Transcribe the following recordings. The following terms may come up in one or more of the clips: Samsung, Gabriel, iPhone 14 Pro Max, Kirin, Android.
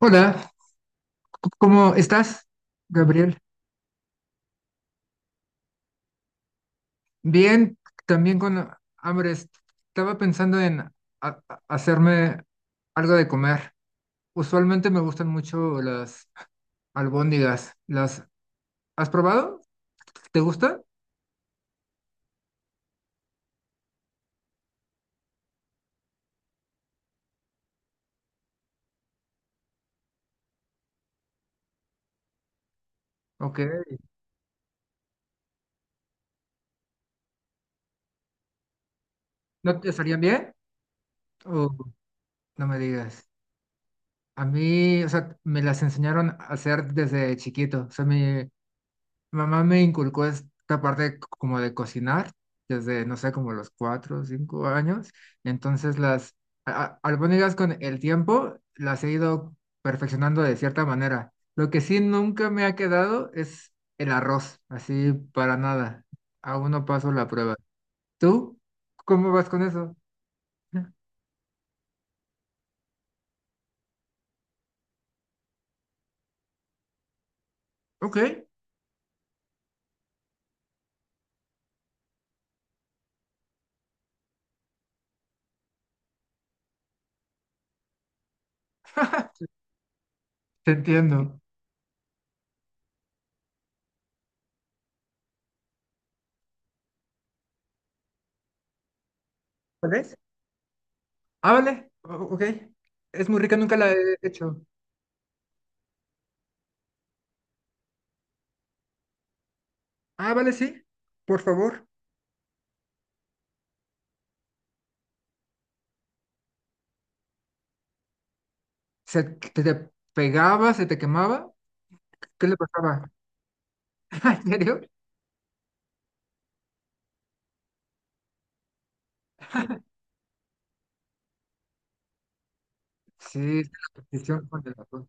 Hola, ¿cómo estás, Gabriel? Bien, también con hambre. Estaba pensando en hacerme algo de comer. Usualmente me gustan mucho las albóndigas. ¿Las has probado? ¿Te gusta? Ok. ¿No te salían bien? O no me digas. A mí, o sea, me las enseñaron a hacer desde chiquito. O sea, mi mamá me inculcó esta parte como de cocinar desde, no sé, como los 4 o 5 años. Entonces las albóndigas con el tiempo las he ido perfeccionando de cierta manera. Lo que sí nunca me ha quedado es el arroz, así para nada. Aún no paso la prueba. ¿Tú cómo vas con eso? Ok, te entiendo. ¿Tal vez? Ah, vale. Ok. Es muy rica, nunca la he hecho. Ah, vale, sí. Por favor. ¿Se te pegaba, se te quemaba? ¿Qué le pasaba? ¿En serio? Sí, es la posición con el atún.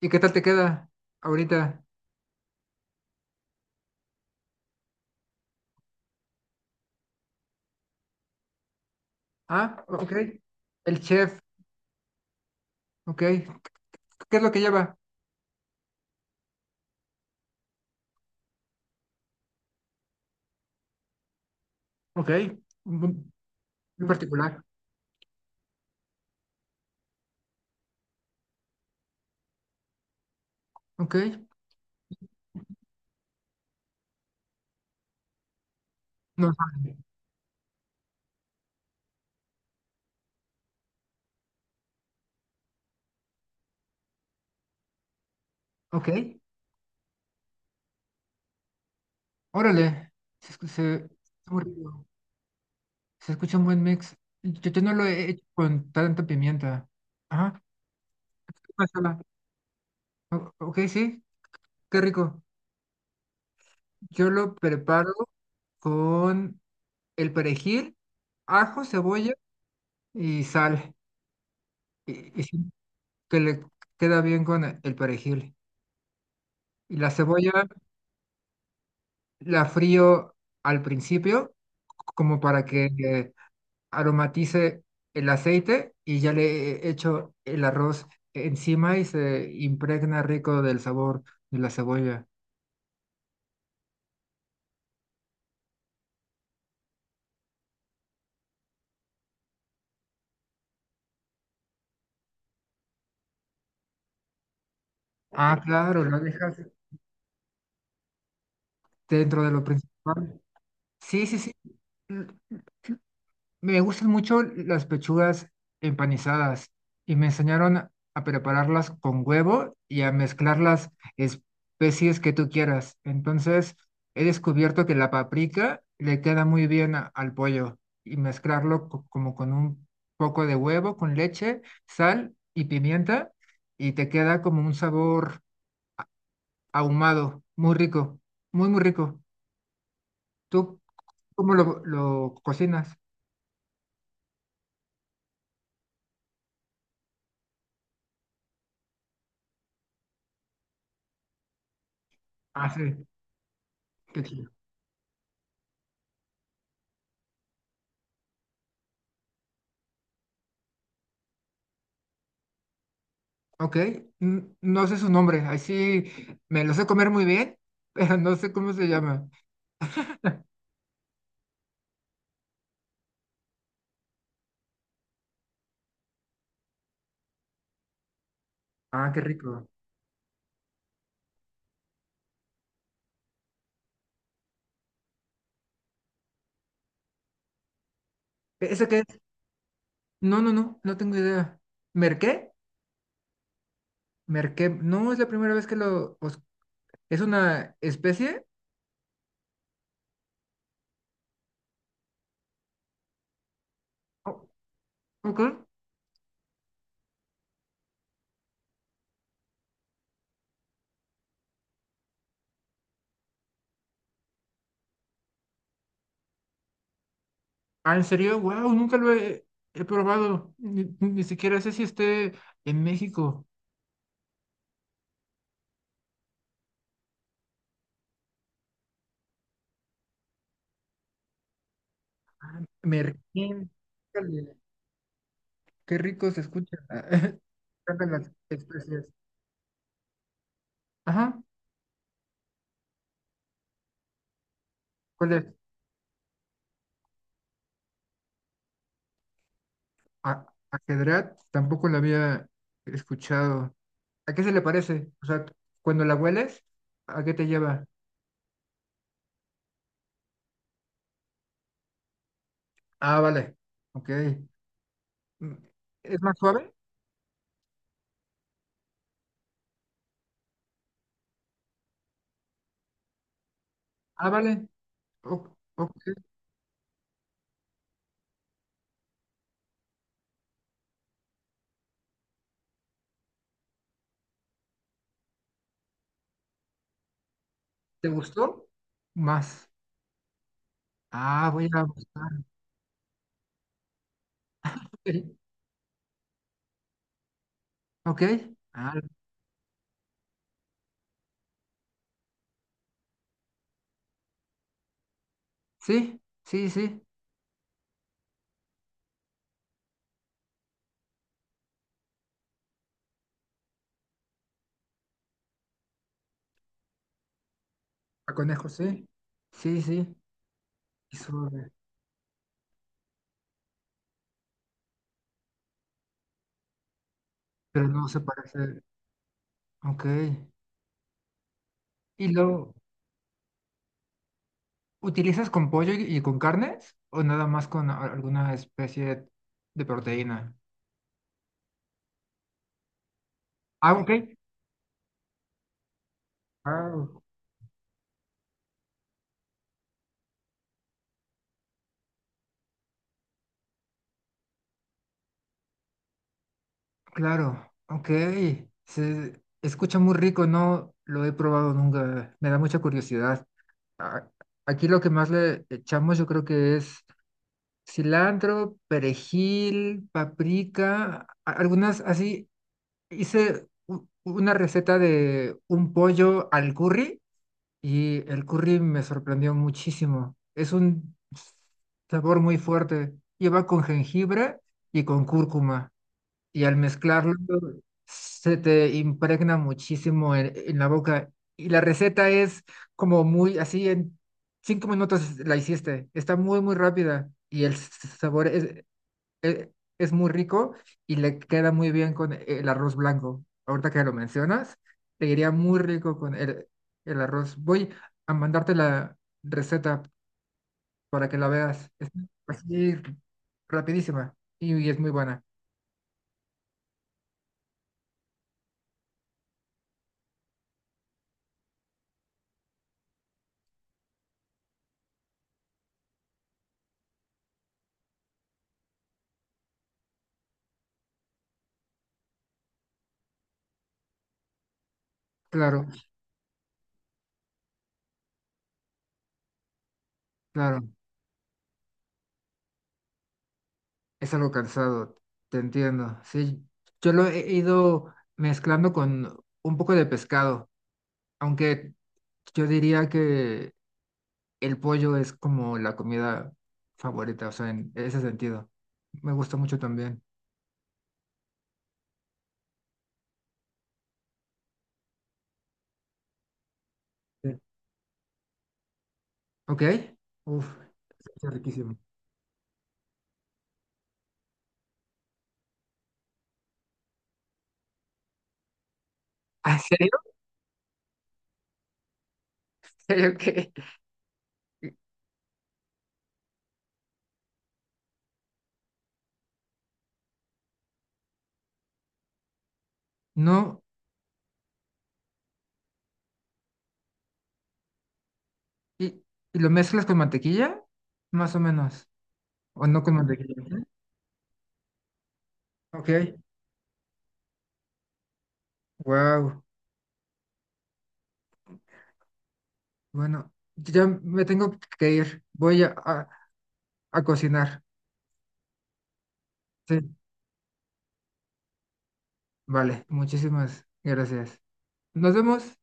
¿Y qué tal te queda ahorita? Ah, ok. El chef, ok. ¿Qué es lo que lleva? Ok. Muy muy particular. Ok. No, ok. Órale. Se, escu- se, Está muy rico. Se escucha un buen mix. Yo no lo he hecho con tanta pimienta. Ajá. Pásala. Ok, sí. Qué rico. Yo lo preparo con el perejil, ajo, cebolla y sal. Y sí, que le queda bien con el perejil. Y la cebolla la frío al principio, como para que aromatice el aceite y ya le echo el arroz encima y se impregna rico del sabor de la cebolla. Ah, claro, la dejas dentro de lo principal. Sí, sí, sí. Me gustan mucho las pechugas empanizadas y me enseñaron a prepararlas con huevo y a mezclar las especies que tú quieras. Entonces, he descubierto que la paprika le queda muy bien al pollo y mezclarlo como con un poco de huevo, con leche, sal y pimienta y te queda como un sabor ahumado, muy rico, muy, muy rico. ¿Tú cómo lo cocinas? Ah, sí, qué chido. Ok, no sé su nombre, ahí sí me lo sé comer muy bien, pero no sé cómo se llama. Ah, qué rico. ¿Ese qué es? No, no, no, no tengo idea. ¿Merqué? ¿Merqué? No, es la primera vez que lo. ¿Es una especie? O- ok. Ah, ¿en serio? Wow, nunca lo he probado. Ni siquiera sé si esté en México. Merqué. Órale. Qué rico se escucha. Encantan las especies. Ajá. ¿Cuál es? Ajedrat tampoco la había escuchado. ¿A qué se le parece? O sea, cuando la hueles, ¿a qué te lleva? Ah, vale. Ok. Mm, ¿Es más suave? Ah, vale. Ok. ¿Te gustó? Más. Ah, voy a buscar. Ok, ok. Ah, sí, sí, sí. A conejo, sí. Sí, sí. Y suave. Pero no se parece. Ok. Y luego. ¿Utilizas con pollo y con carnes o nada más con alguna especie de proteína? Ah, ok. Ah, claro, ok. Se escucha muy rico, no lo he probado nunca. Me da mucha curiosidad. A- Aquí lo que más le echamos yo creo que es cilantro, perejil, paprika, algunas así. Hice una receta de un pollo al curry. El curry me sorprendió muchísimo. Es un sabor muy fuerte. Lleva con jengibre y con cúrcuma. Y al mezclarlo se te impregna muchísimo en la boca. Y la receta es como muy así en 5 minutos la hiciste. Está muy, muy rápida. Y el sabor e- es muy rico y le queda muy bien con el arroz blanco. Ahorita que lo mencionas, te iría muy rico con el arroz. Voy a mandarte la receta para que la veas. Es así rapidísima y es muy buena. Claro, claro. Es algo cansado, te entiendo. Sí, yo lo he ido mezclando con un poco de pescado, aunque yo diría que el pollo es como la comida favorita, o sea, en ese sentido. Me gusta mucho también. Sí. ¿Ok? Uf, está riquísimo. Ah, ¿en serio? ¿En serio qué? No, y, y lo mezclas con mantequilla, más o menos, o no con mantequilla. ¿Sí? Ok, wow. Bueno, ya me tengo que ir. Voy a cocinar. Sí, vale, muchísimas gracias. Nos vemos.